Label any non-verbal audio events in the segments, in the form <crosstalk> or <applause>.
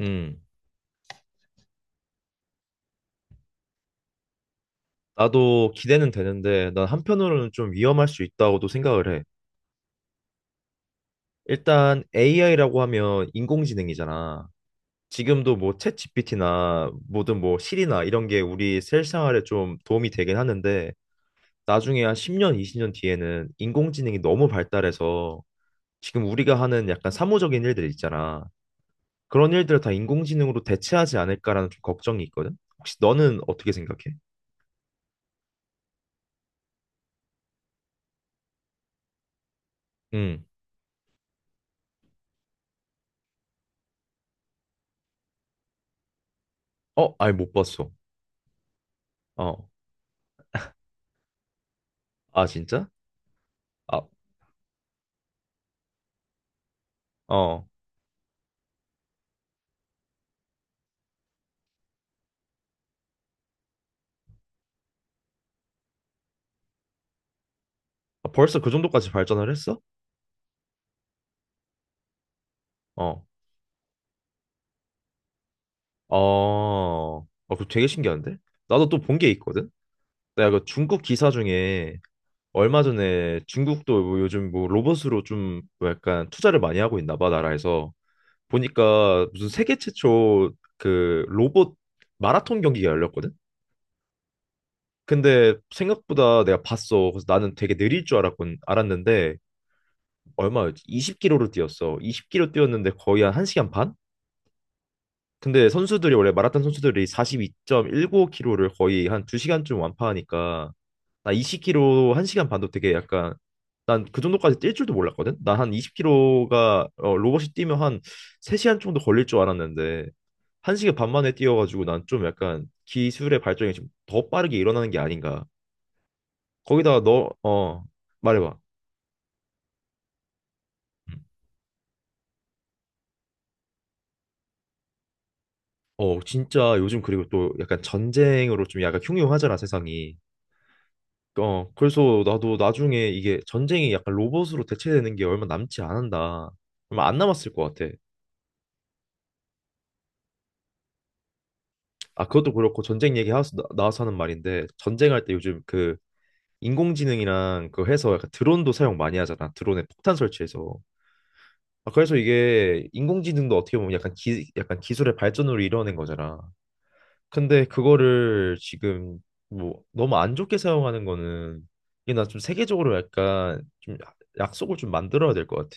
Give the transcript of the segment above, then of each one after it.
음, 나도 기대는 되는데, 난 한편으로는 좀 위험할 수 있다고도 생각을 해. 일단 AI라고 하면 인공지능이잖아. 지금도 뭐 챗 GPT나 뭐든 뭐 실이나 이런 게 우리 실생활에 좀 도움이 되긴 하는데, 나중에 한 10년, 20년 뒤에는 인공지능이 너무 발달해서 지금 우리가 하는 약간 사무적인 일들 있잖아. 그런 일들을 다 인공지능으로 대체하지 않을까라는 좀 걱정이 있거든. 혹시 너는 어떻게 생각해? 음. 어, 아니 못 봤어. 어. 아, 진짜? 아, 어. 아, 벌써 그 정도까지 발전을 했어? 어. 어. 어, 그거 되게 신기한데? 나도 또 본 게 있거든? 내가 그 중국 기사 중에 얼마 전에 중국도 뭐 요즘 뭐 로봇으로 좀뭐 약간 투자를 많이 하고 있나 봐, 나라에서. 보니까 무슨 세계 최초 그 로봇 마라톤 경기가 열렸거든? 근데 생각보다 내가 봤어. 그래서 나는 되게 느릴 줄 알았는데 얼마였지? 20km를 뛰었어. 20km 뛰었는데 거의 한 1시간 반? 근데 선수들이 원래 마라톤 선수들이 42.195km를 거의 한 2시간쯤 완파하니까 나 20km 1시간 반도 되게 약간 난 그 정도까지 뛸 줄도 몰랐거든. 나 한 20km가 로봇이 뛰면 한 3시간 정도 걸릴 줄 알았는데 1시간 반 만에 뛰어가지고 난 좀 약간 기술의 발전이 좀 더 빠르게 일어나는 게 아닌가. 거기다가 너, 말해봐. 음. 어, 진짜 요즘 그리고 또 약간 전쟁으로 좀 약간 흉흉하잖아, 세상이. 어, 그래서 나도 나중에 이게 전쟁이 약간 로봇으로 대체되는 게 얼마 남지 않은다. 얼마 안 남았을 것 같아. 아, 그것도 그렇고 전쟁 얘기 나와서 하는 말인데 전쟁할 때 요즘 그 인공지능이랑 그 해서 약간 드론도 사용 많이 하잖아. 드론에 폭탄 설치해서. 아, 그래서 이게 인공지능도 어떻게 보면 약간 약간 기술의 발전으로 이뤄낸 거잖아. 근데 그거를 지금 뭐 너무 안 좋게 사용하는 거는 이게 나 좀 세계적으로 약간 좀 약속을 좀 만들어야 될 것 같아.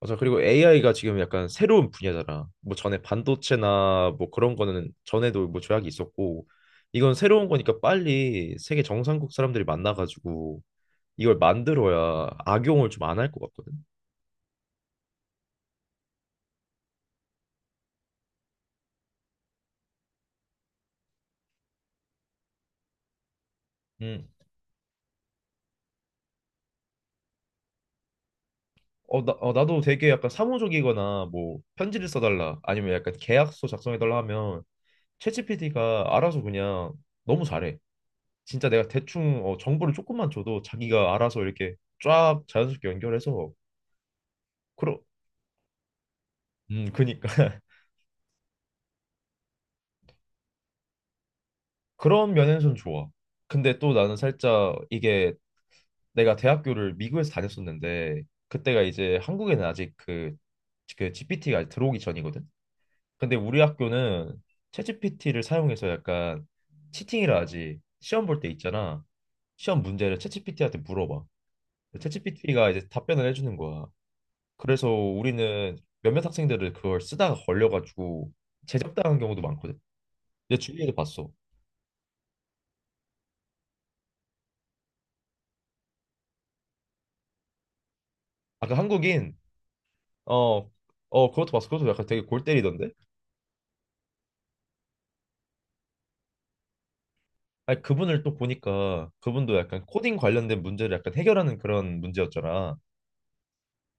맞아. 그리고 AI가 지금 약간 새로운 분야잖아. 뭐 전에 반도체나 뭐 그런 거는 전에도 뭐 조약이 있었고 이건 새로운 거니까 빨리 세계 정상국 사람들이 만나가지고 이걸 만들어야 악용을 좀 안 할 것 같거든. 음. 나도 되게 약간 사무적이거나 뭐 편지를 써달라 아니면 약간 계약서 작성해달라 하면 챗GPT가 알아서 그냥 너무 잘해. 진짜 내가 대충 정보를 조금만 줘도 자기가 알아서 이렇게 쫙 자연스럽게 연결해서 그러, 그니까 <laughs> 그런 면에서는 좋아. 근데 또 나는 살짝 이게 내가 대학교를 미국에서 다녔었는데 그때가 이제 한국에는 아직 그 GPT가 들어오기 전이거든. 근데 우리 학교는 챗GPT를 사용해서 약간 치팅이라 하지. 시험 볼 때 있잖아. 시험 문제를 챗GPT한테 물어봐. 챗GPT가 이제 답변을 해주는 거야. 그래서 우리는 몇몇 학생들을 그걸 쓰다가 걸려가지고 제적당한 경우도 많거든. 내 주위에도 봤어. 아까 한국인. 어, 그것도 봤어. 그것도 약간 되게 골 때리던데? 아니, 그분을 또 보니까 그분도 약간 코딩 관련된 문제를 약간 해결하는 그런 문제였잖아.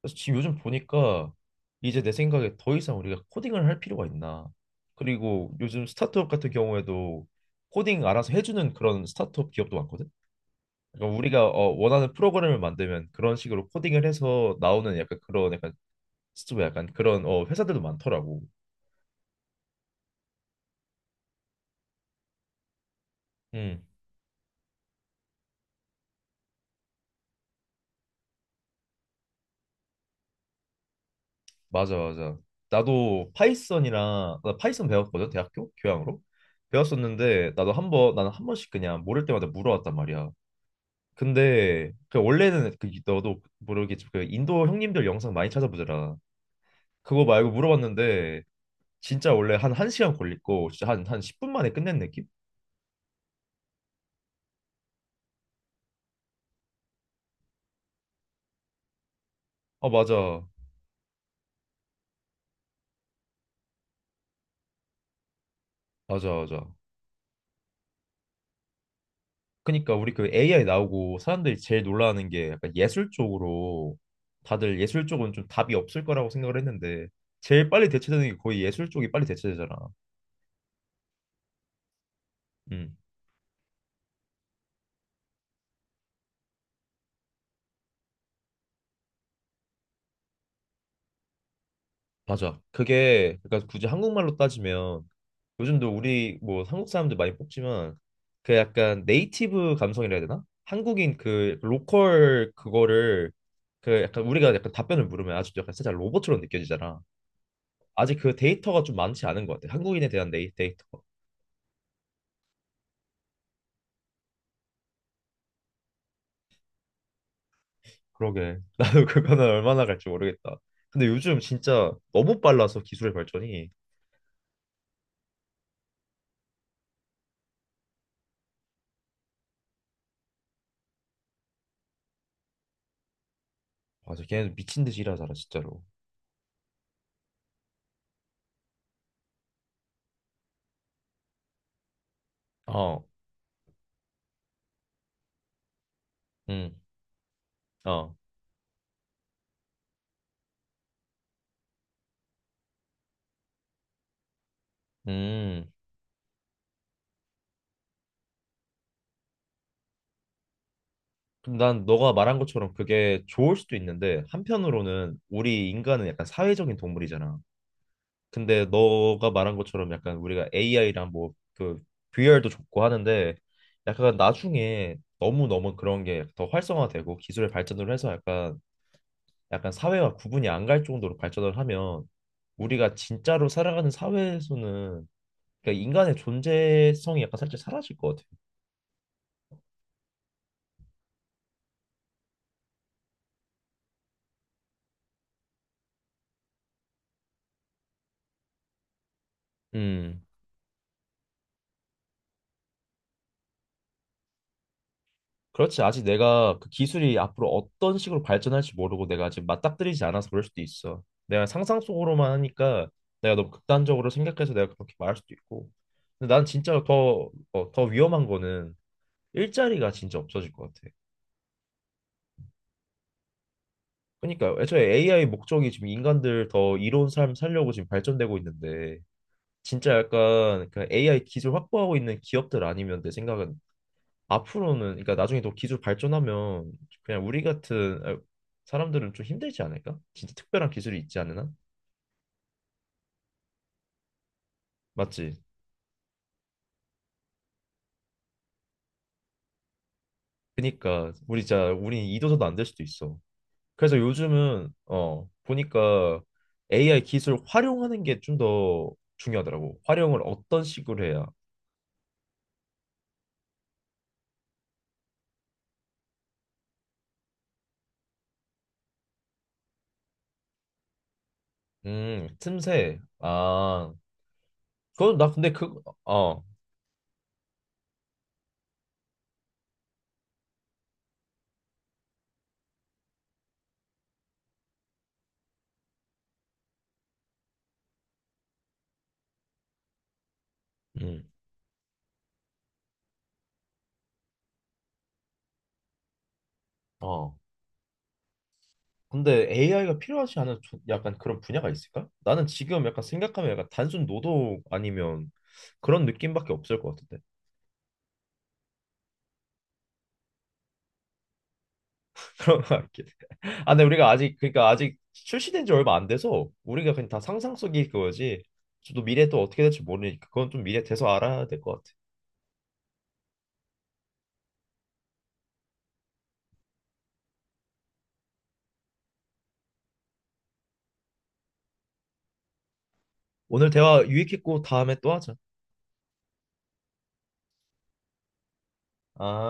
그래서 지금 요즘 보니까 이제 내 생각에 더 이상 우리가 코딩을 할 필요가 있나. 그리고 요즘 스타트업 같은 경우에도 코딩 알아서 해주는 그런 스타트업 기업도 많거든? 그러니까 우리가 원하는 프로그램을 만들면 그런 식으로 코딩을 해서 나오는 약간 그런 약간 스튜브 약간 그런 회사들도 많더라고. 음. 맞아, 맞아. 나도 파이썬 배웠거든, 대학교 교양으로. 배웠었는데 나는 한 번씩 그냥 모를 때마다 물어왔단 말이야. 근데 그 원래는 그 너도 모르겠지만 그 인도 형님들 영상 많이 찾아보더라. 그거 말고 물어봤는데 진짜 원래 한 1시간 걸리고 진짜 한 10분 만에 끝낸 느낌? 아, 맞아. 맞아, 맞아. 그니까 우리 그 AI 나오고 사람들이 제일 놀라는 게 약간 예술 쪽으로 다들 예술 쪽은 좀 답이 없을 거라고 생각을 했는데 제일 빨리 대체되는 게 거의 예술 쪽이 빨리 대체되잖아. 음, 맞아. 그게 그러니까 굳이 한국말로 따지면 요즘도 우리 뭐 한국 사람들 많이 뽑지만 그 약간 네이티브 감성이라 해야 되나? 한국인 그 로컬 그거를 그 약간 우리가 약간 답변을 물으면 아직도 약간 살짝 로봇처럼 느껴지잖아. 아직 그 데이터가 좀 많지 않은 것 같아. 한국인에 대한 데이터. 그러게. <laughs> 나도 그거는 얼마나 갈지 모르겠다. 근데 요즘 진짜 너무 빨라서 기술의 발전이. 맞아, 걔네들 미친 듯이 일하잖아, 진짜로. 어. 음. 어. 음. 근데 난 너가 말한 것처럼 그게 좋을 수도 있는데, 한편으로는 우리 인간은 약간 사회적인 동물이잖아. 근데 너가 말한 것처럼 약간 우리가 AI랑 뭐 그 VR도 좋고 하는데, 약간 나중에 너무너무 그런 게 더 활성화되고 기술의 발전으로 해서 약간 사회와 구분이 안 갈 정도로 발전을 하면 우리가 진짜로 살아가는 사회에서는 그러니까 인간의 존재성이 약간 살짝 사라질 것 같아. 음. 그렇지. 아직 내가 그 기술이 앞으로 어떤 식으로 발전할지 모르고 내가 아직 맞닥뜨리지 않아서 그럴 수도 있어. 내가 상상 속으로만 하니까 내가 너무 극단적으로 생각해서 내가 그렇게 말할 수도 있고. 근데 난 진짜 더 위험한 거는 일자리가 진짜 없어질 것 같아. 그러니까 애초에 AI 목적이 지금 인간들 더 이로운 삶 살려고 지금 발전되고 있는데 진짜 약간 그 AI 기술 확보하고 있는 기업들 아니면 내 생각은 앞으로는 그러니까 나중에 더 기술 발전하면 그냥 우리 같은 사람들은 좀 힘들지 않을까? 진짜 특별한 기술이 있지 않나. 맞지? 그니까 우리 진짜 우리 이도서도 안 될 수도 있어. 그래서 요즘은 보니까 AI 기술 활용하는 게 좀 더 중요하더라고. 활용을 어떤 식으로 해야? 틈새. 아, 그건 나 근데 그. 어. 음. 어. 근데 AI가 필요하지 않은 약간 그런 분야가 있을까? 나는 지금 약간 생각하면 약간 단순 노동 아니면 그런 느낌밖에 없을 것 같은데 <laughs> 그런 것 같긴 해. 아, 근데 우리가 아직 그러니까 아직 출시된 지 얼마 안 돼서 우리가 그냥 다 상상 속일 그거지. 저도 미래 또 어떻게 될지 모르니까 그건 좀 미래 돼서 알아야 될 것 같아. 오늘 대화 유익했고 다음에 또 하자. 아.